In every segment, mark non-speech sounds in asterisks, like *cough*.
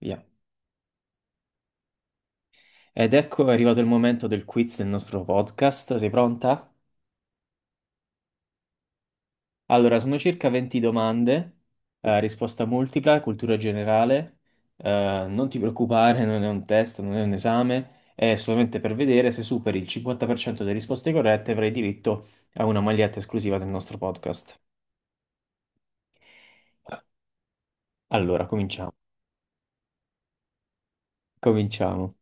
Via. Ed ecco è arrivato il momento del quiz del nostro podcast. Sei pronta? Allora, sono circa 20 domande, risposta multipla, cultura generale. Non ti preoccupare, *laughs* non è un test, non è un esame, è solamente per vedere se superi il 50% delle risposte corrette avrai diritto a una maglietta esclusiva del nostro podcast. Allora, cominciamo. Cominciamo.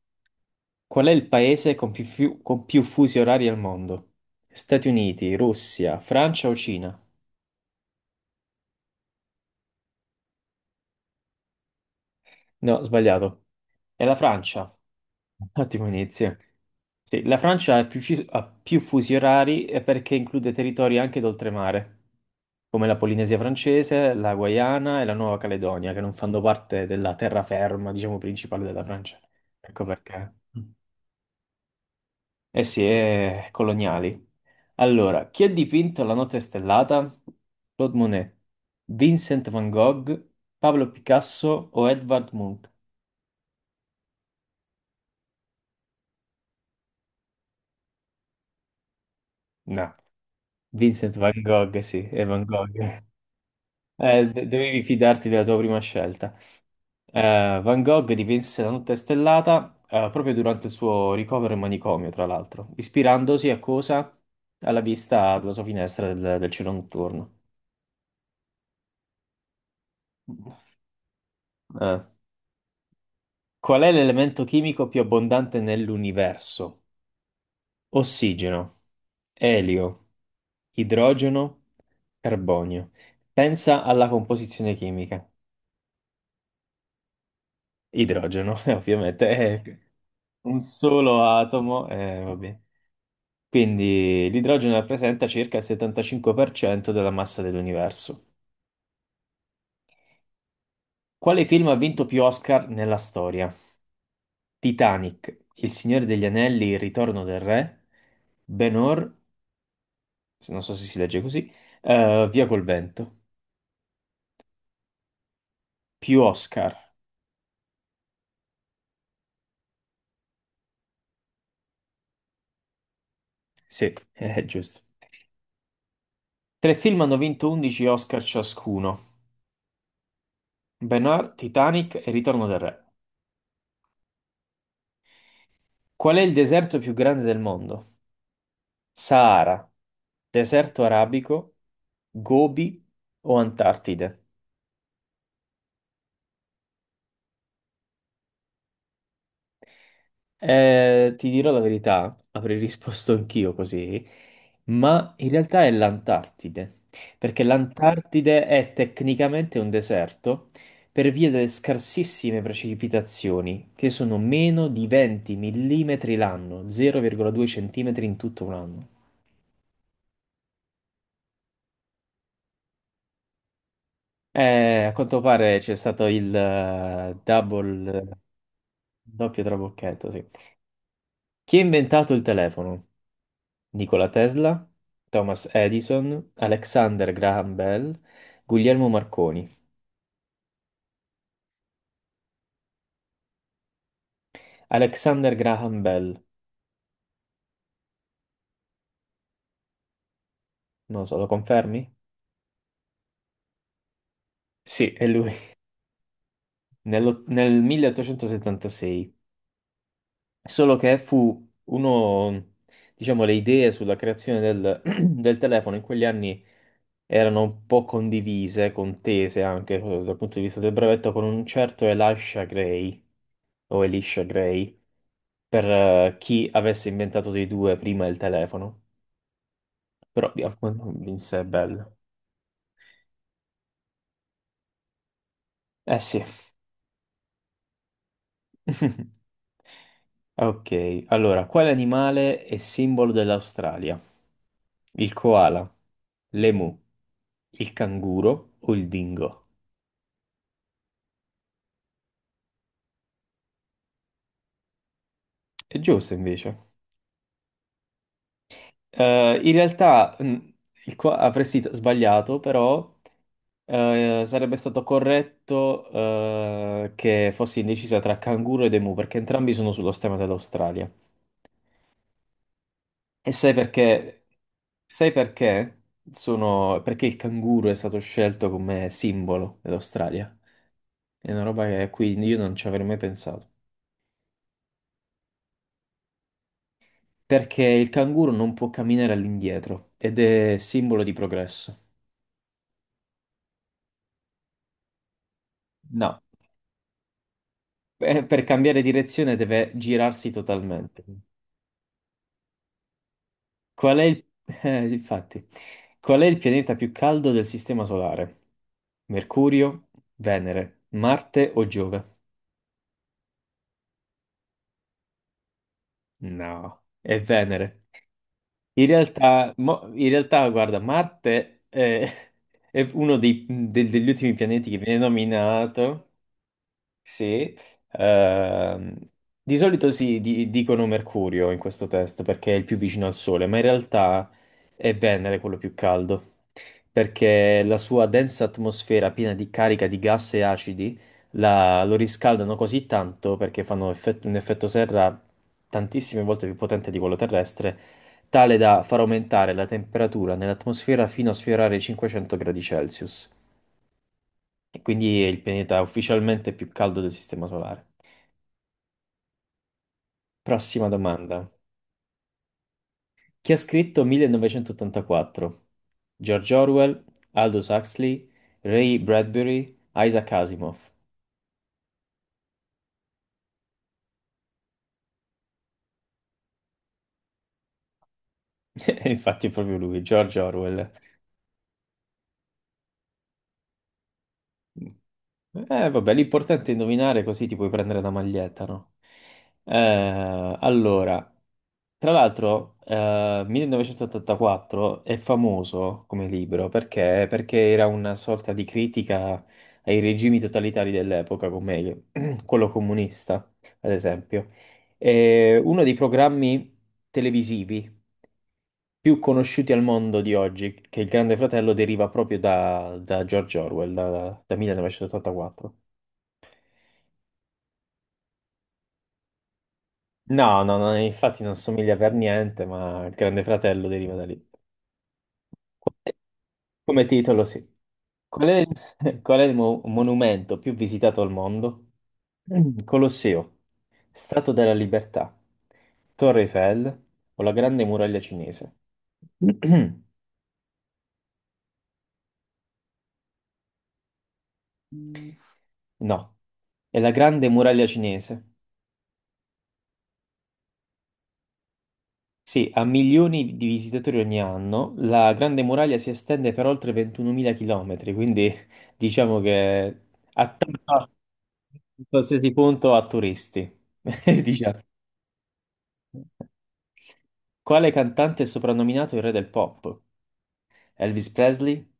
Qual è il paese con con più fusi orari al mondo? Stati Uniti, Russia, Francia o Cina? No, sbagliato. E la Francia? Ottimo inizio. Sì, la Francia ha ha più fusi orari e perché include territori anche d'oltremare, come la Polinesia francese, la Guayana e la Nuova Caledonia, che non fanno parte della terraferma, diciamo, principale della Francia. Ecco perché. Eh sì, è coloniali. Allora, chi ha dipinto La notte stellata? Claude Monet, Vincent van Gogh, Pablo Picasso o Edvard Munch? No, Vincent van Gogh, sì, è Van Gogh. Dovevi fidarti della tua prima scelta. Van Gogh dipinse La notte stellata proprio durante il suo ricovero in manicomio, tra l'altro, ispirandosi a cosa? Alla vista dalla sua finestra del cielo notturno. Eh. Qual è l'elemento chimico più abbondante nell'universo? Ossigeno, elio, idrogeno, carbonio. Pensa alla composizione chimica. Idrogeno, *laughs* ovviamente, è un solo atomo, vabbè. Quindi l'idrogeno rappresenta circa il 75% della massa dell'universo. Quale film ha vinto più Oscar nella storia? Titanic, Il Signore degli Anelli, Il Ritorno del Re, Ben-Hur, se- non so se si legge così, Via col vento. Più Oscar. Sì, *laughs* è giusto. Tre film hanno vinto 11 Oscar ciascuno. Ben-Hur, Titanic e Ritorno del Re. Qual è il deserto più grande del mondo? Sahara, deserto arabico, Gobi o Antartide? Ti dirò la verità, avrei risposto anch'io così, ma in realtà è l'Antartide, perché l'Antartide è tecnicamente un deserto per via delle scarsissime precipitazioni, che sono meno di 20 millimetri l'anno, 0,2 centimetri in tutto un anno. A quanto pare c'è stato il double, doppio trabocchetto, sì. Chi ha inventato il telefono? Nikola Tesla, Thomas Edison, Alexander Graham Bell, Guglielmo Marconi. Alexander Graham Bell, non lo so, lo confermi? Sì, è lui, *laughs* nel 1876. Solo che fu uno, diciamo, le idee sulla creazione *clears throat* del telefono in quegli anni erano un po' condivise, contese anche dal punto di vista del brevetto, con un certo Elisha Gray, o Elisha Gray per chi avesse inventato dei due prima il telefono, però di- in sé è bello. Eh sì. *laughs* Ok, allora, quale animale è simbolo dell'Australia? Il koala, l'emu, il canguro o il dingo? È giusto invece. In realtà avresti sbagliato, però sarebbe stato corretto che fossi indecisa tra canguro ed emu, perché entrambi sono sullo stemma dell'Australia. E sai perché? Sai perché? Sono... Perché il canguro è stato scelto come simbolo dell'Australia. È una roba che qui io non ci avrei mai pensato. Perché il canguro non può camminare all'indietro ed è simbolo di progresso. No. Per cambiare direzione deve girarsi totalmente. Qual è il... *laughs* infatti, qual è il pianeta più caldo del Sistema Solare? Mercurio, Venere, Marte o Giove? No, è Venere. In realtà, guarda, Marte *laughs* è degli ultimi pianeti che viene nominato. Sì, ehm, di solito dicono Mercurio in questo test perché è il più vicino al Sole, ma in realtà è Venere quello più caldo, perché la sua densa atmosfera piena di carica di gas e acidi lo riscaldano così tanto perché fanno un effetto serra tantissime volte più potente di quello terrestre, tale da far aumentare la temperatura nell'atmosfera fino a sfiorare i 500 gradi Celsius. E quindi è il pianeta ufficialmente più caldo del Sistema Solare. Prossima domanda. Chi ha scritto 1984? George Orwell, Aldous Huxley, Ray Bradbury, Isaac Asimov. *laughs* E infatti è proprio lui, George Orwell. Vabbè, l'importante è indovinare così ti puoi prendere la maglietta, no? Allora. Tra l'altro, 1984 è famoso come libro perché era una sorta di critica ai regimi totalitari dell'epoca, come *clears throat* quello comunista, ad esempio. È uno dei programmi televisivi più conosciuti al mondo di oggi, che il Grande Fratello deriva proprio da George Orwell, da 1984. No, no, no, infatti non somiglia per niente, ma il Grande Fratello deriva da lì. Come titolo, sì. Qual è il, *laughs* qual è monumento più visitato al mondo? *clears throat* Mm. Colosseo, Statua della Libertà, Torre Eiffel o la Grande Muraglia Cinese? *clears throat* No, è la Grande Muraglia Cinese. Sì, ha milioni di visitatori ogni anno, la Grande Muraglia si estende per oltre 21.000 km, quindi *laughs* diciamo che attacca in qualsiasi punto a turisti, *laughs* diciamo. Quale cantante è soprannominato il re del pop? Elvis Presley,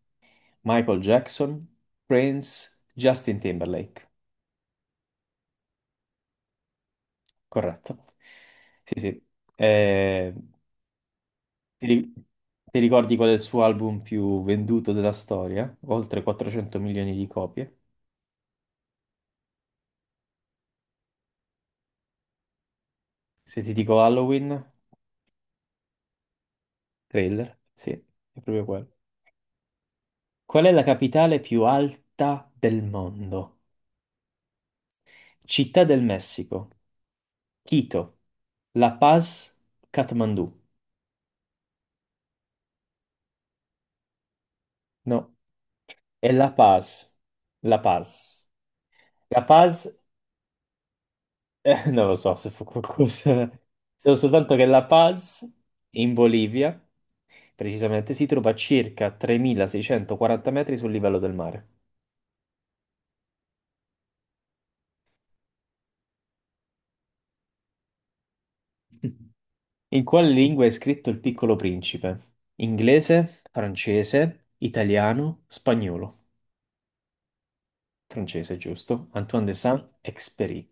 Michael Jackson, Prince, Justin Timberlake. Corretto. Sì, sì. Eh, ti, ri- ti ricordi qual è il suo album più venduto della storia? Oltre 400 milioni di copie. Se ti dico Halloween, trailer, sì, è proprio quello. Qual è la capitale più alta del mondo? Città del Messico, Quito, La Paz, Kathmandu. No, è La Paz. La Paz. La Paz, non lo so se fu qualcosa. So soltanto che La Paz in Bolivia, precisamente, si trova a circa 3640 metri sul livello del mare. *laughs* In quale lingua è scritto Il Piccolo Principe? Inglese, francese, italiano, spagnolo. Francese, giusto? Antoine de Saint-Exupéry.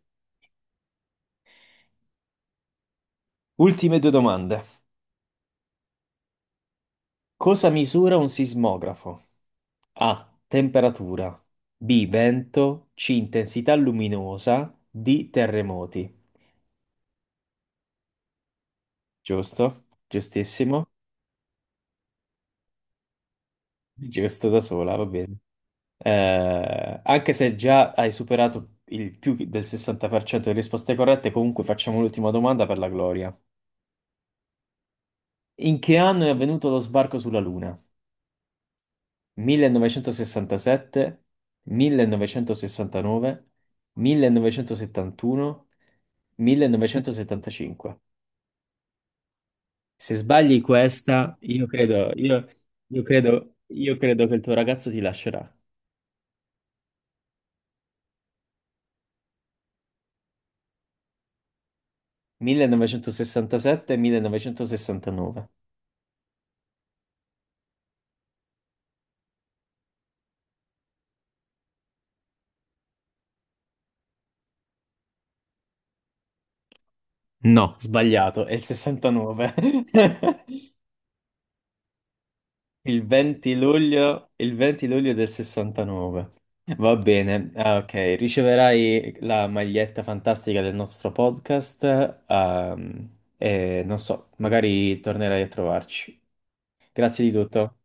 Ultime due domande. Cosa misura un sismografo? A. Temperatura. B. Vento. C. Intensità luminosa. D. Terremoti. Giusto? Giustissimo. *laughs* Giusto da sola, va bene. Anche se già hai superato il più del 60% delle risposte corrette, comunque facciamo l'ultima domanda per la gloria. In che anno è avvenuto lo sbarco sulla Luna? 1967, 1969, 1971, 1975. Se sbagli questa, io credo che il tuo ragazzo ti lascerà. 1967, 1969. No, sbagliato, è il 69. *laughs* Il 20 luglio, il 20 luglio del 69. Va bene, ah, ok. Riceverai la maglietta fantastica del nostro podcast. Ehm, e non so, magari tornerai a trovarci. Grazie di tutto.